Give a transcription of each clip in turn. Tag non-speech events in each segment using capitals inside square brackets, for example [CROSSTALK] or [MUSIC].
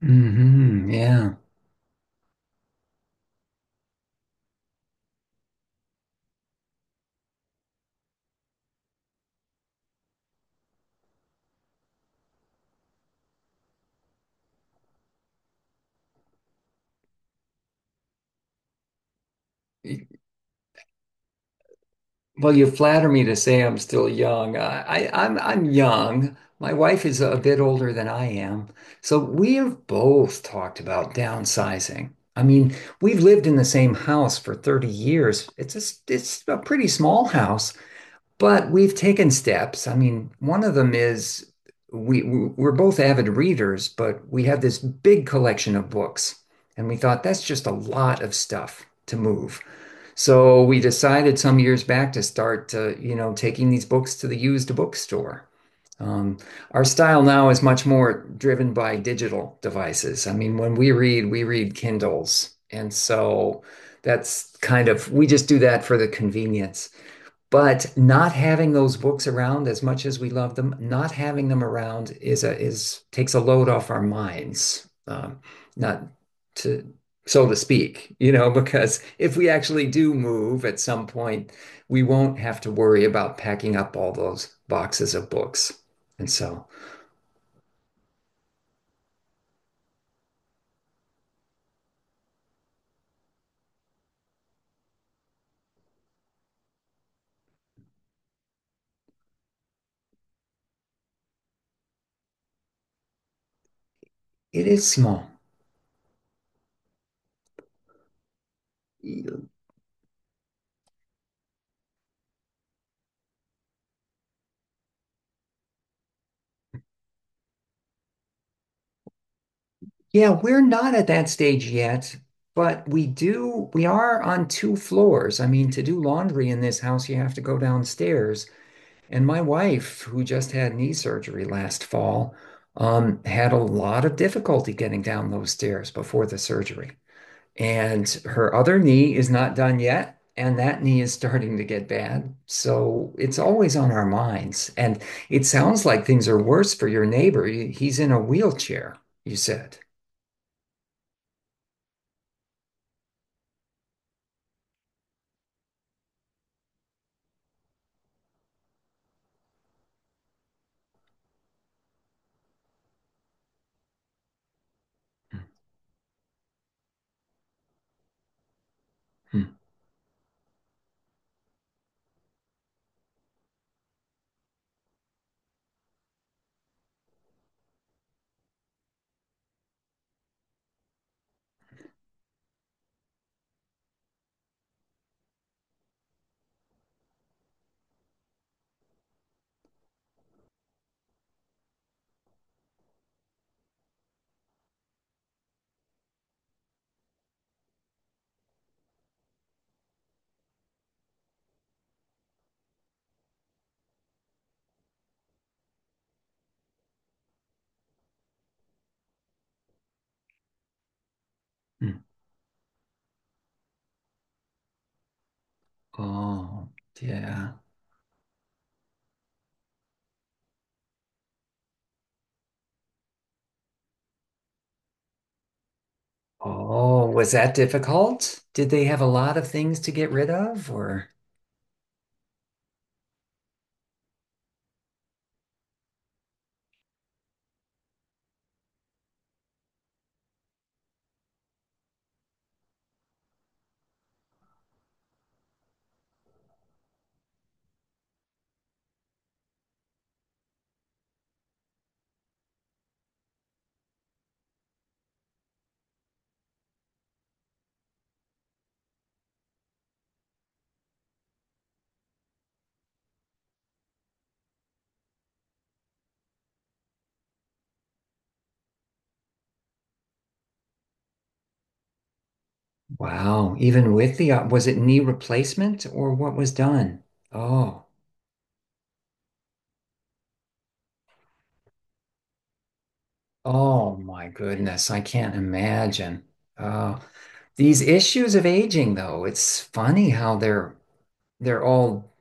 Yeah. Well, you flatter me to say I'm still young. I'm young. My wife is a bit older than I am. So we have both talked about downsizing. I mean, we've lived in the same house for 30 years. It's a pretty small house, but we've taken steps. I mean, one of them is we're both avid readers, but we have this big collection of books, and we thought that's just a lot of stuff to move. So we decided some years back to start, you know, taking these books to the used bookstore. Um, our style now is much more driven by digital devices. I mean, when we read Kindles. And so that's kind of, we just do that for the convenience, but not having those books around, as much as we love them, not having them around is a is takes a load off our minds, not to, so to speak, you know, [LAUGHS] because if we actually do move at some point, we won't have to worry about packing up all those boxes of books. And so it is small. Yeah, we're not at that stage yet, but we are on two floors. I mean, to do laundry in this house, you have to go downstairs. And my wife, who just had knee surgery last fall, had a lot of difficulty getting down those stairs before the surgery. And her other knee is not done yet, and that knee is starting to get bad. So it's always on our minds. And it sounds like things are worse for your neighbor. He's in a wheelchair, you said. Mhm. Mhm. Oh, yeah. Oh, was that difficult? Did they have a lot of things to get rid of, or? Wow. Even with the, op- was it knee replacement or what was done? Oh, oh my goodness. I can't imagine. Oh, these issues of aging, though, it's funny how they're all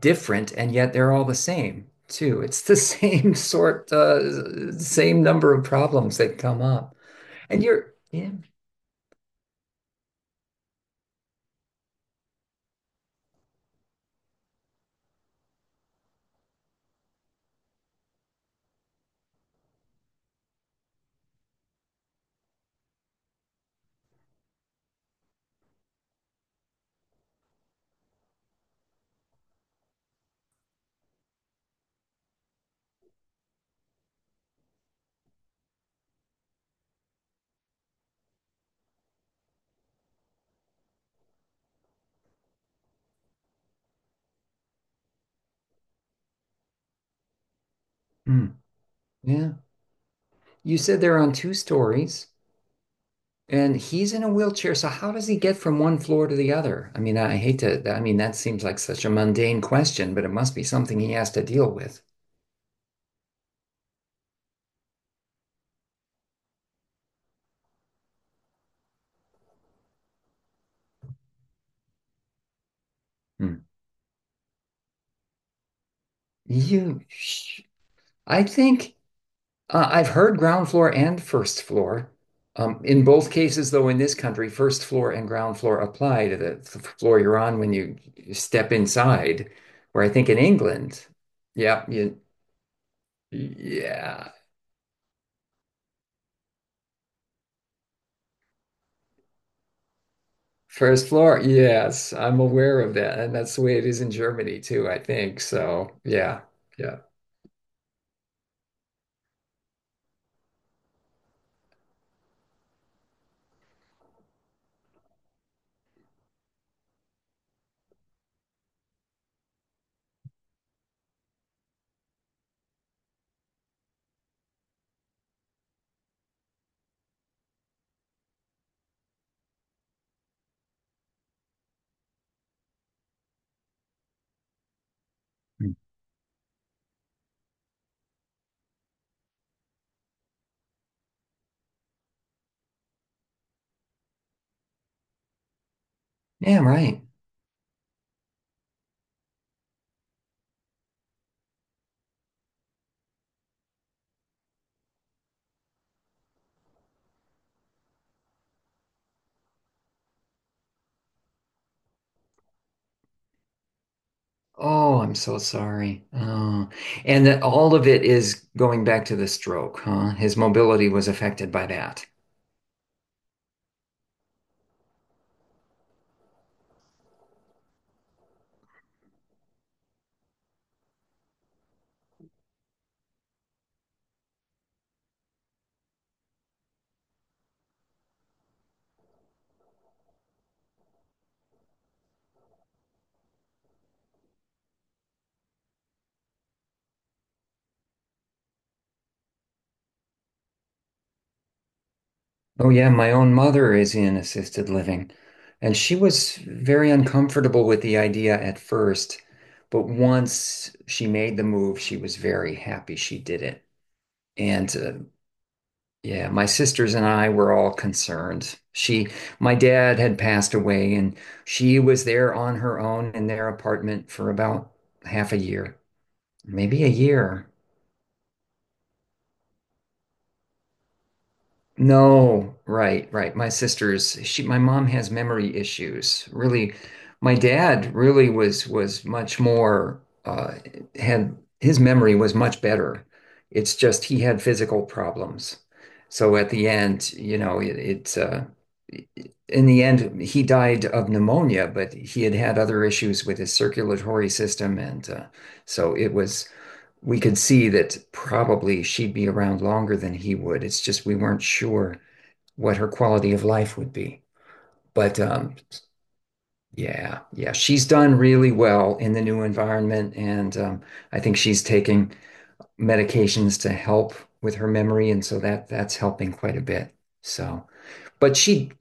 different and yet they're all the same too. It's the [LAUGHS] same sort, same number of problems that come up. And you're, yeah. Hmm. Yeah. You said they're on two stories. And he's in a wheelchair, so how does he get from one floor to the other? I mean, I hate to, I mean, that seems like such a mundane question, but it must be something he has to deal with. Hmm. You, I think I've heard ground floor and first floor. In both cases, though, in this country, first floor and ground floor apply to the floor you're on when you step inside. Where I think in England, yeah, you, yeah. First floor, yes, I'm aware of that. And that's the way it is in Germany too, I think. So, yeah, yeah. Mm. Yeah, right. Oh, I'm so sorry. Oh, and that all of it is going back to the stroke, huh? His mobility was affected by that. Oh, yeah, my own mother is in assisted living, and she was very uncomfortable with the idea at first, but once she made the move, she was very happy she did it. And Yeah, my sisters and I were all concerned. She, my dad had passed away, and she was there on her own in their apartment for about half a year, maybe a year. No, right, right. My sister's she My mom has memory issues. Really, my dad really was much more had his memory was much better. It's just he had physical problems. So at the end, you know, it, it's in the end he died of pneumonia, but he had had other issues with his circulatory system and so it was, we could see that probably she'd be around longer than he would. It's just we weren't sure what her quality of life would be. But Yeah, yeah, she's done really well in the new environment, and I think she's taking medications to help with her memory, and so that that's helping quite a bit. So, but she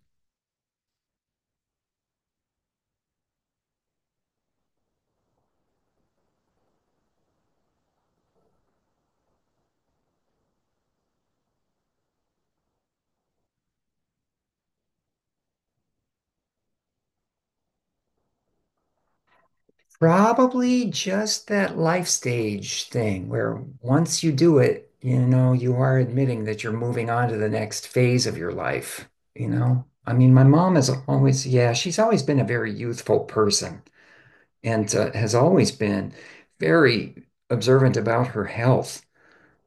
probably just that life stage thing where once you do it, you know, you are admitting that you're moving on to the next phase of your life, you know? I mean, my mom has always, yeah, she's always been a very youthful person and has always been very observant about her health.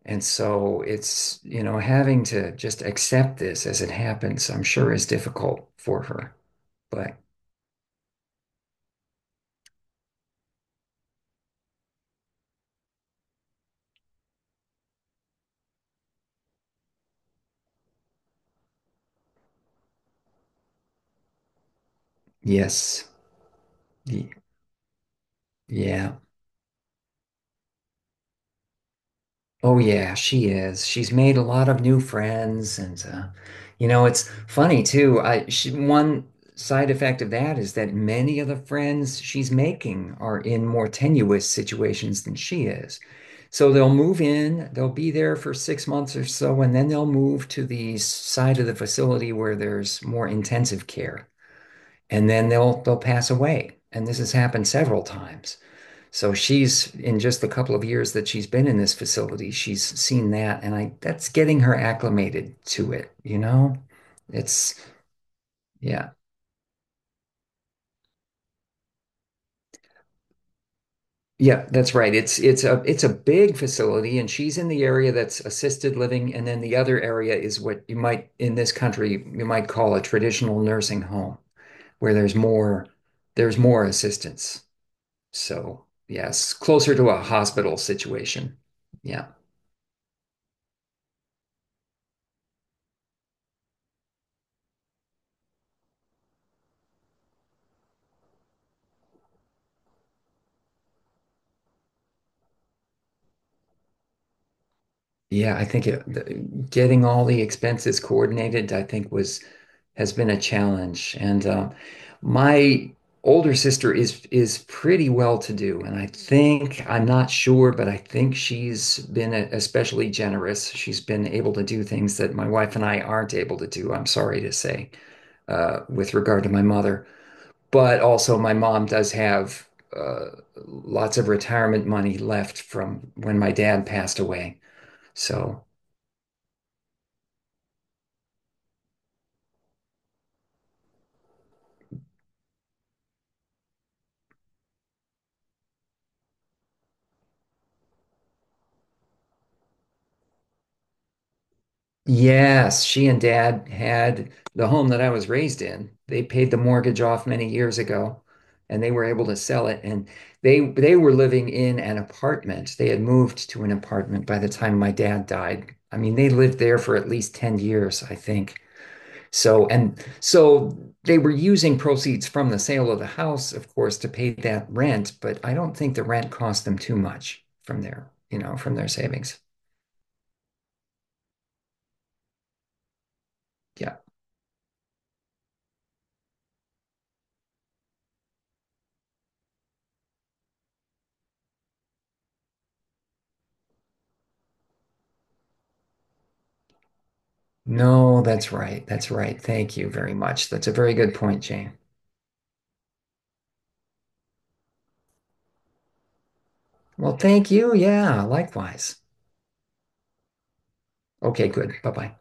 And so it's, you know, having to just accept this as it happens, I'm sure is difficult for her. But Yes, y- yeah. Oh yeah, she is. She's made a lot of new friends, and you know, it's funny too. One side effect of that is that many of the friends she's making are in more tenuous situations than she is. So they'll move in, they'll be there for 6 months or so, and then they'll move to the side of the facility where there's more intensive care, and then they'll pass away. And this has happened several times. So she's in, just the couple of years that she's been in this facility, she's seen that, and I that's getting her acclimated to it, you know? It's Yeah. Yeah, that's right. It's it's a big facility and she's in the area that's assisted living, and then the other area is what you might, in this country you might call a traditional nursing home, where there's more assistance. So, yes, closer to a hospital situation. Yeah. Yeah, I think getting all the expenses coordinated, I think was has been a challenge. And My older sister is pretty well to do, and I think, I'm not sure, but I think she's been especially generous. She's been able to do things that my wife and I aren't able to do. I'm sorry to say, with regard to my mother, but also my mom does have uh, lots of retirement money left from when my dad passed away, so. Yes, she and dad had the home that I was raised in. They paid the mortgage off many years ago, and they were able to sell it, and they were living in an apartment. They had moved to an apartment by the time my dad died. I mean, they lived there for at least 10 years, I think. So, and so they were using proceeds from the sale of the house, of course, to pay that rent, but I don't think the rent cost them too much from their, you know, from their savings. Yeah. No, that's right. That's right. Thank you very much. That's a very good point, Jane. Well, thank you. Yeah, likewise. Okay, good. Bye-bye.